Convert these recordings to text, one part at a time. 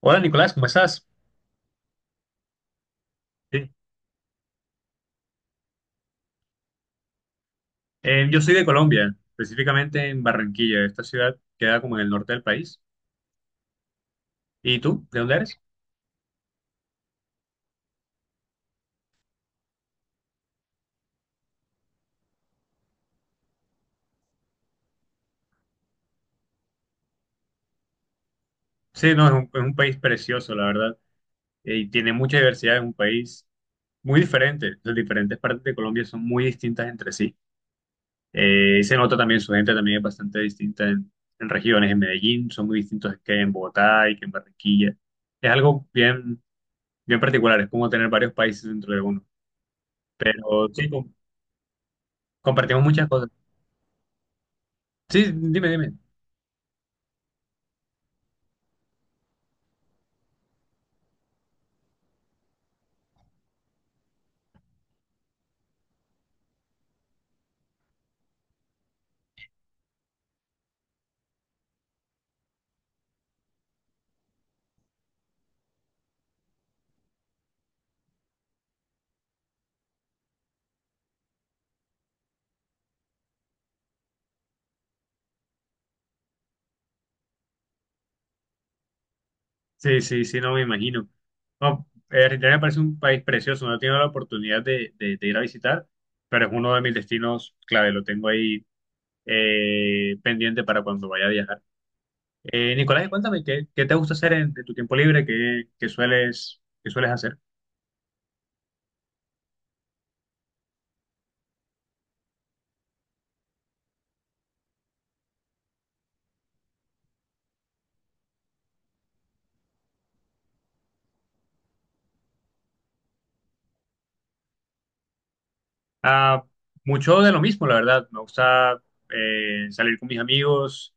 Hola Nicolás, ¿cómo estás? Sí. Yo soy de Colombia, específicamente en Barranquilla. Esta ciudad queda como en el norte del país. ¿Y tú? ¿De dónde eres? Sí, no, es un país precioso, la verdad. Y tiene mucha diversidad, es un país muy diferente. Las diferentes partes de Colombia son muy distintas entre sí. Y se nota también, su gente también es bastante distinta en regiones. En Medellín son muy distintos que en Bogotá y que en Barranquilla. Es algo bien, bien particular, es como tener varios países dentro de uno. Pero sí, compartimos muchas cosas. Sí, dime, dime. Sí, sí, sí, no me imagino. No, Argentina me parece un país precioso, no he tenido la oportunidad de ir a visitar, pero es uno de mis destinos clave, lo tengo ahí pendiente para cuando vaya a viajar. Nicolás, y cuéntame, ¿Qué te gusta hacer de tu tiempo libre? ¿Qué sueles hacer? Ah, mucho de lo mismo, la verdad. Me gusta salir con mis amigos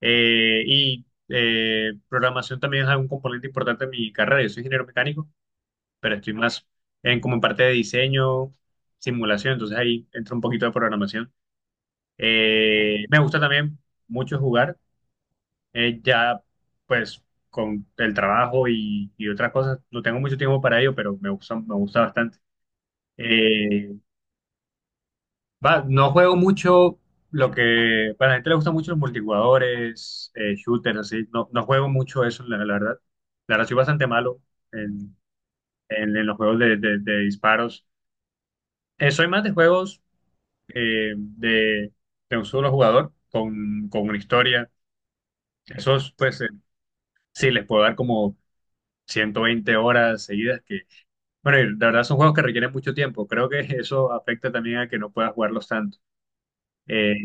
y programación también es un componente importante de mi carrera. Yo soy ingeniero mecánico, pero estoy más en como en parte de diseño, simulación, entonces ahí entra un poquito de programación. Me gusta también mucho jugar, ya pues con el trabajo y otras cosas, no tengo mucho tiempo para ello, pero me gusta bastante. Eh, va, no juego mucho lo que, para la gente le gusta mucho los multijugadores, shooters, así, no, no juego mucho eso, la verdad. La verdad, soy bastante malo en, en los juegos de disparos. Soy más de juegos eh, de, de un solo jugador con una historia. Esos, pues, sí, les puedo dar como 120 horas seguidas, que, bueno, y la verdad son juegos que requieren mucho tiempo. Creo que eso afecta también a que no puedas jugarlos tanto. Eh,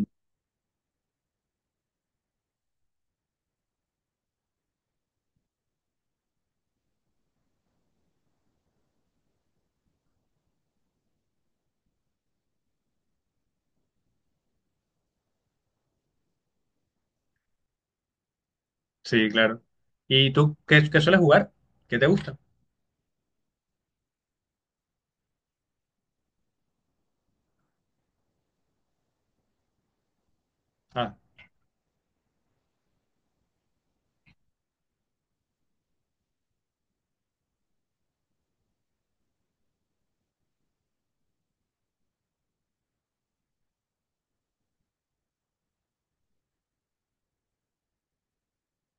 sí, claro. ¿Y tú qué sueles jugar? ¿Qué te gusta? Ah,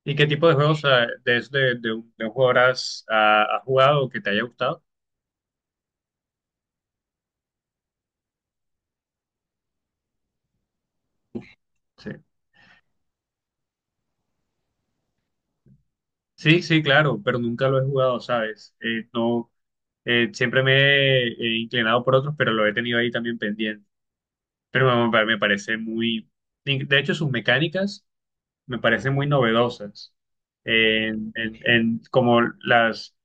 ¿y qué tipo de juegos de un jugador has, has jugado que te haya gustado? Sí. Sí, sí, claro, pero nunca lo he jugado, ¿sabes? No, siempre me he inclinado por otros, pero lo he tenido ahí también pendiente. Pero me parece muy. De hecho, sus mecánicas me parecen muy novedosas. En como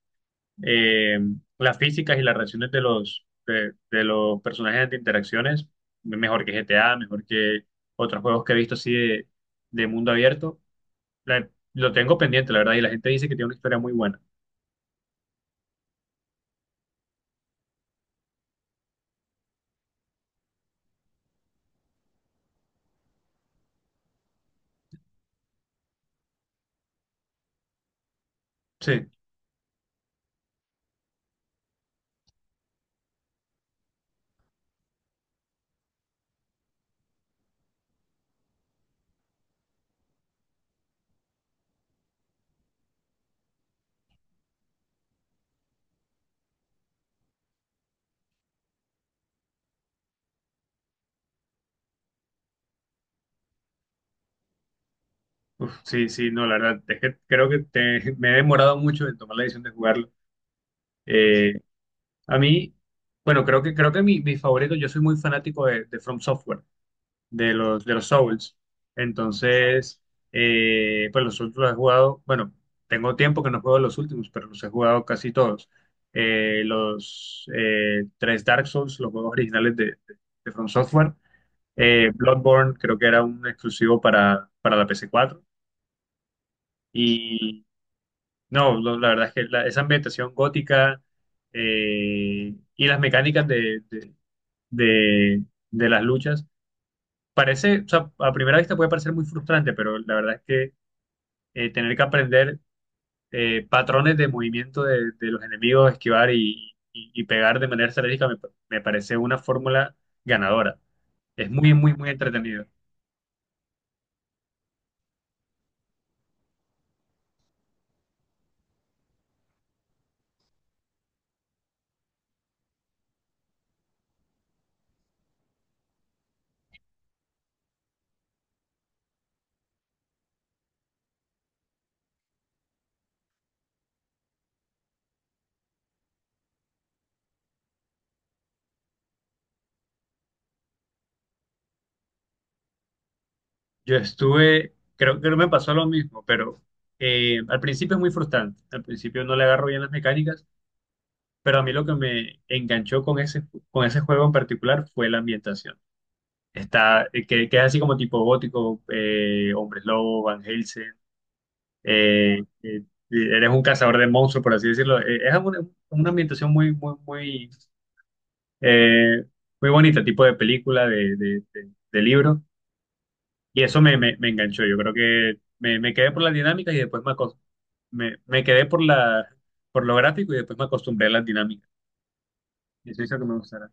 eh, las físicas y las reacciones de los personajes de interacciones, mejor que GTA, mejor que otros juegos que he visto así de mundo abierto. La- lo tengo pendiente, la verdad, y la gente dice que tiene una historia muy buena. Sí. Uf, sí, sí, no, la verdad, es que creo que me he demorado mucho en tomar la decisión de jugarlo. Eh, a mí, bueno, creo que mi favorito, yo soy muy fanático de From Software, de los Souls. Entonces, pues los últimos los he jugado, bueno, tengo tiempo que no juego los últimos, pero los he jugado casi todos. Los tres Dark Souls, los juegos originales de From Software. Bloodborne creo que era un exclusivo para la PS4. No, la verdad es que esa ambientación gótica y las mecánicas de- de las luchas, parece, o sea, a primera vista puede parecer muy frustrante, pero la verdad es que tener que aprender patrones de movimiento de los enemigos, esquivar y pegar de manera estratégica me parece una fórmula ganadora. Es muy, muy, muy entretenido. Yo estuve, creo que no me pasó lo mismo, pero al principio es muy frustrante. Al principio no le agarro bien las mecánicas. Pero a mí lo que me enganchó con ese juego en particular fue la ambientación. Está, que es así como tipo gótico, hombres lobo, Van Helsing, eh, eh, eres un cazador de monstruos, por así decirlo. Es una ambientación muy, muy, muy, eh, muy bonita, tipo de película, de libro. Y eso me enganchó. Yo creo que me quedé por las dinámicas y después me quedé por lo gráfico y después me acostumbré a las dinámicas. Y eso hizo que me gustara.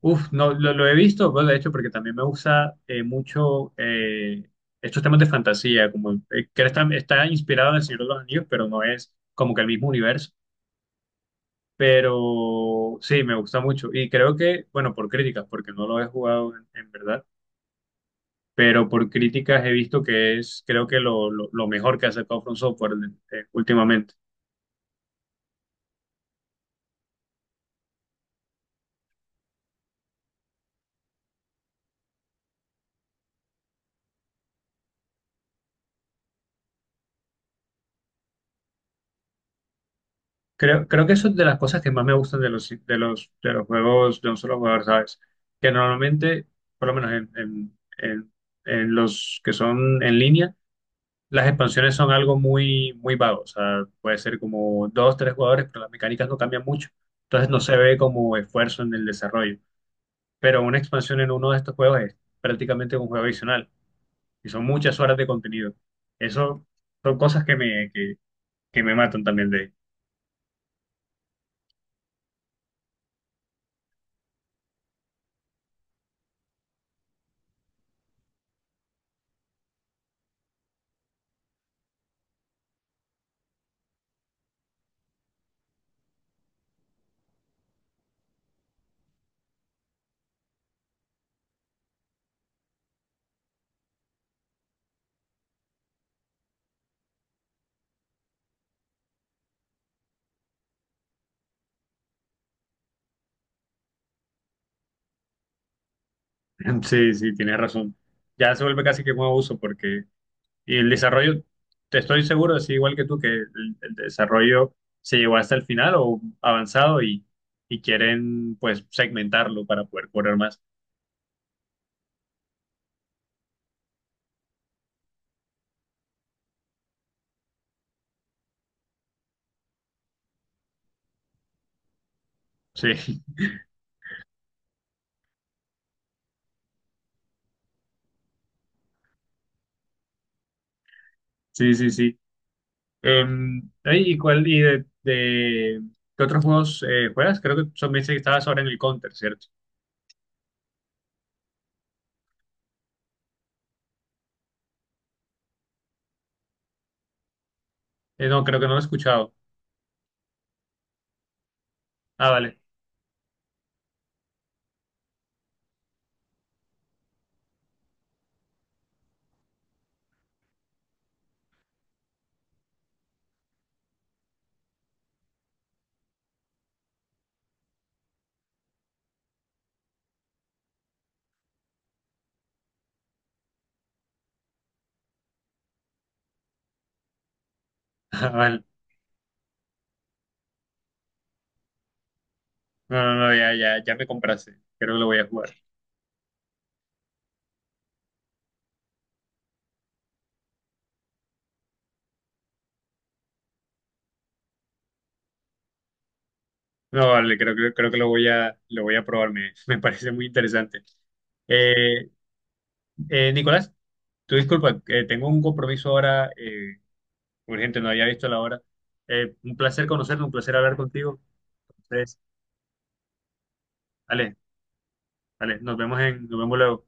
Uf, no, lo he visto, pues, de hecho, porque también me gusta mucho estos temas de fantasía, como que está inspirado en El Señor de los Anillos, pero no es como que el mismo universo. Pero sí, me gusta mucho. Y creo que, bueno, por críticas, porque no lo he jugado en verdad, pero por críticas he visto que es, creo que lo mejor que ha sacado From Software últimamente. Creo que eso es de las cosas que más me gustan de los juegos de un solo jugador, ¿sabes? Que normalmente, por lo menos en los que son en línea, las expansiones son algo muy, muy vago. O sea, puede ser como dos, tres jugadores, pero las mecánicas no cambian mucho. Entonces no se ve como esfuerzo en el desarrollo. Pero una expansión en uno de estos juegos es prácticamente un juego adicional y son muchas horas de contenido. Eso son cosas que me matan también Sí, sí, tienes razón. Ya se vuelve casi que un abuso porque y el desarrollo, te estoy seguro, así igual que tú, que el desarrollo se llevó hasta el final o avanzado y quieren pues segmentarlo para poder cobrar más. Sí, sí, sí, sí. Ay, ¿y cuál, y de- qué otros juegos juegas? Creo que me dice que estabas ahora en el Counter, ¿cierto? No, creo que no lo he escuchado. Ah, vale. Ah, vale. No, no, no, ya, ya, ya me compraste. Creo que lo voy a jugar. No, vale, creo que lo voy a probar, me parece muy interesante. Eh, Nicolás, tu disculpa, tengo un compromiso ahora urgente, no había visto la hora. Un placer conocerte, un placer hablar contigo. Entonces, vale, vale, nos vemos luego.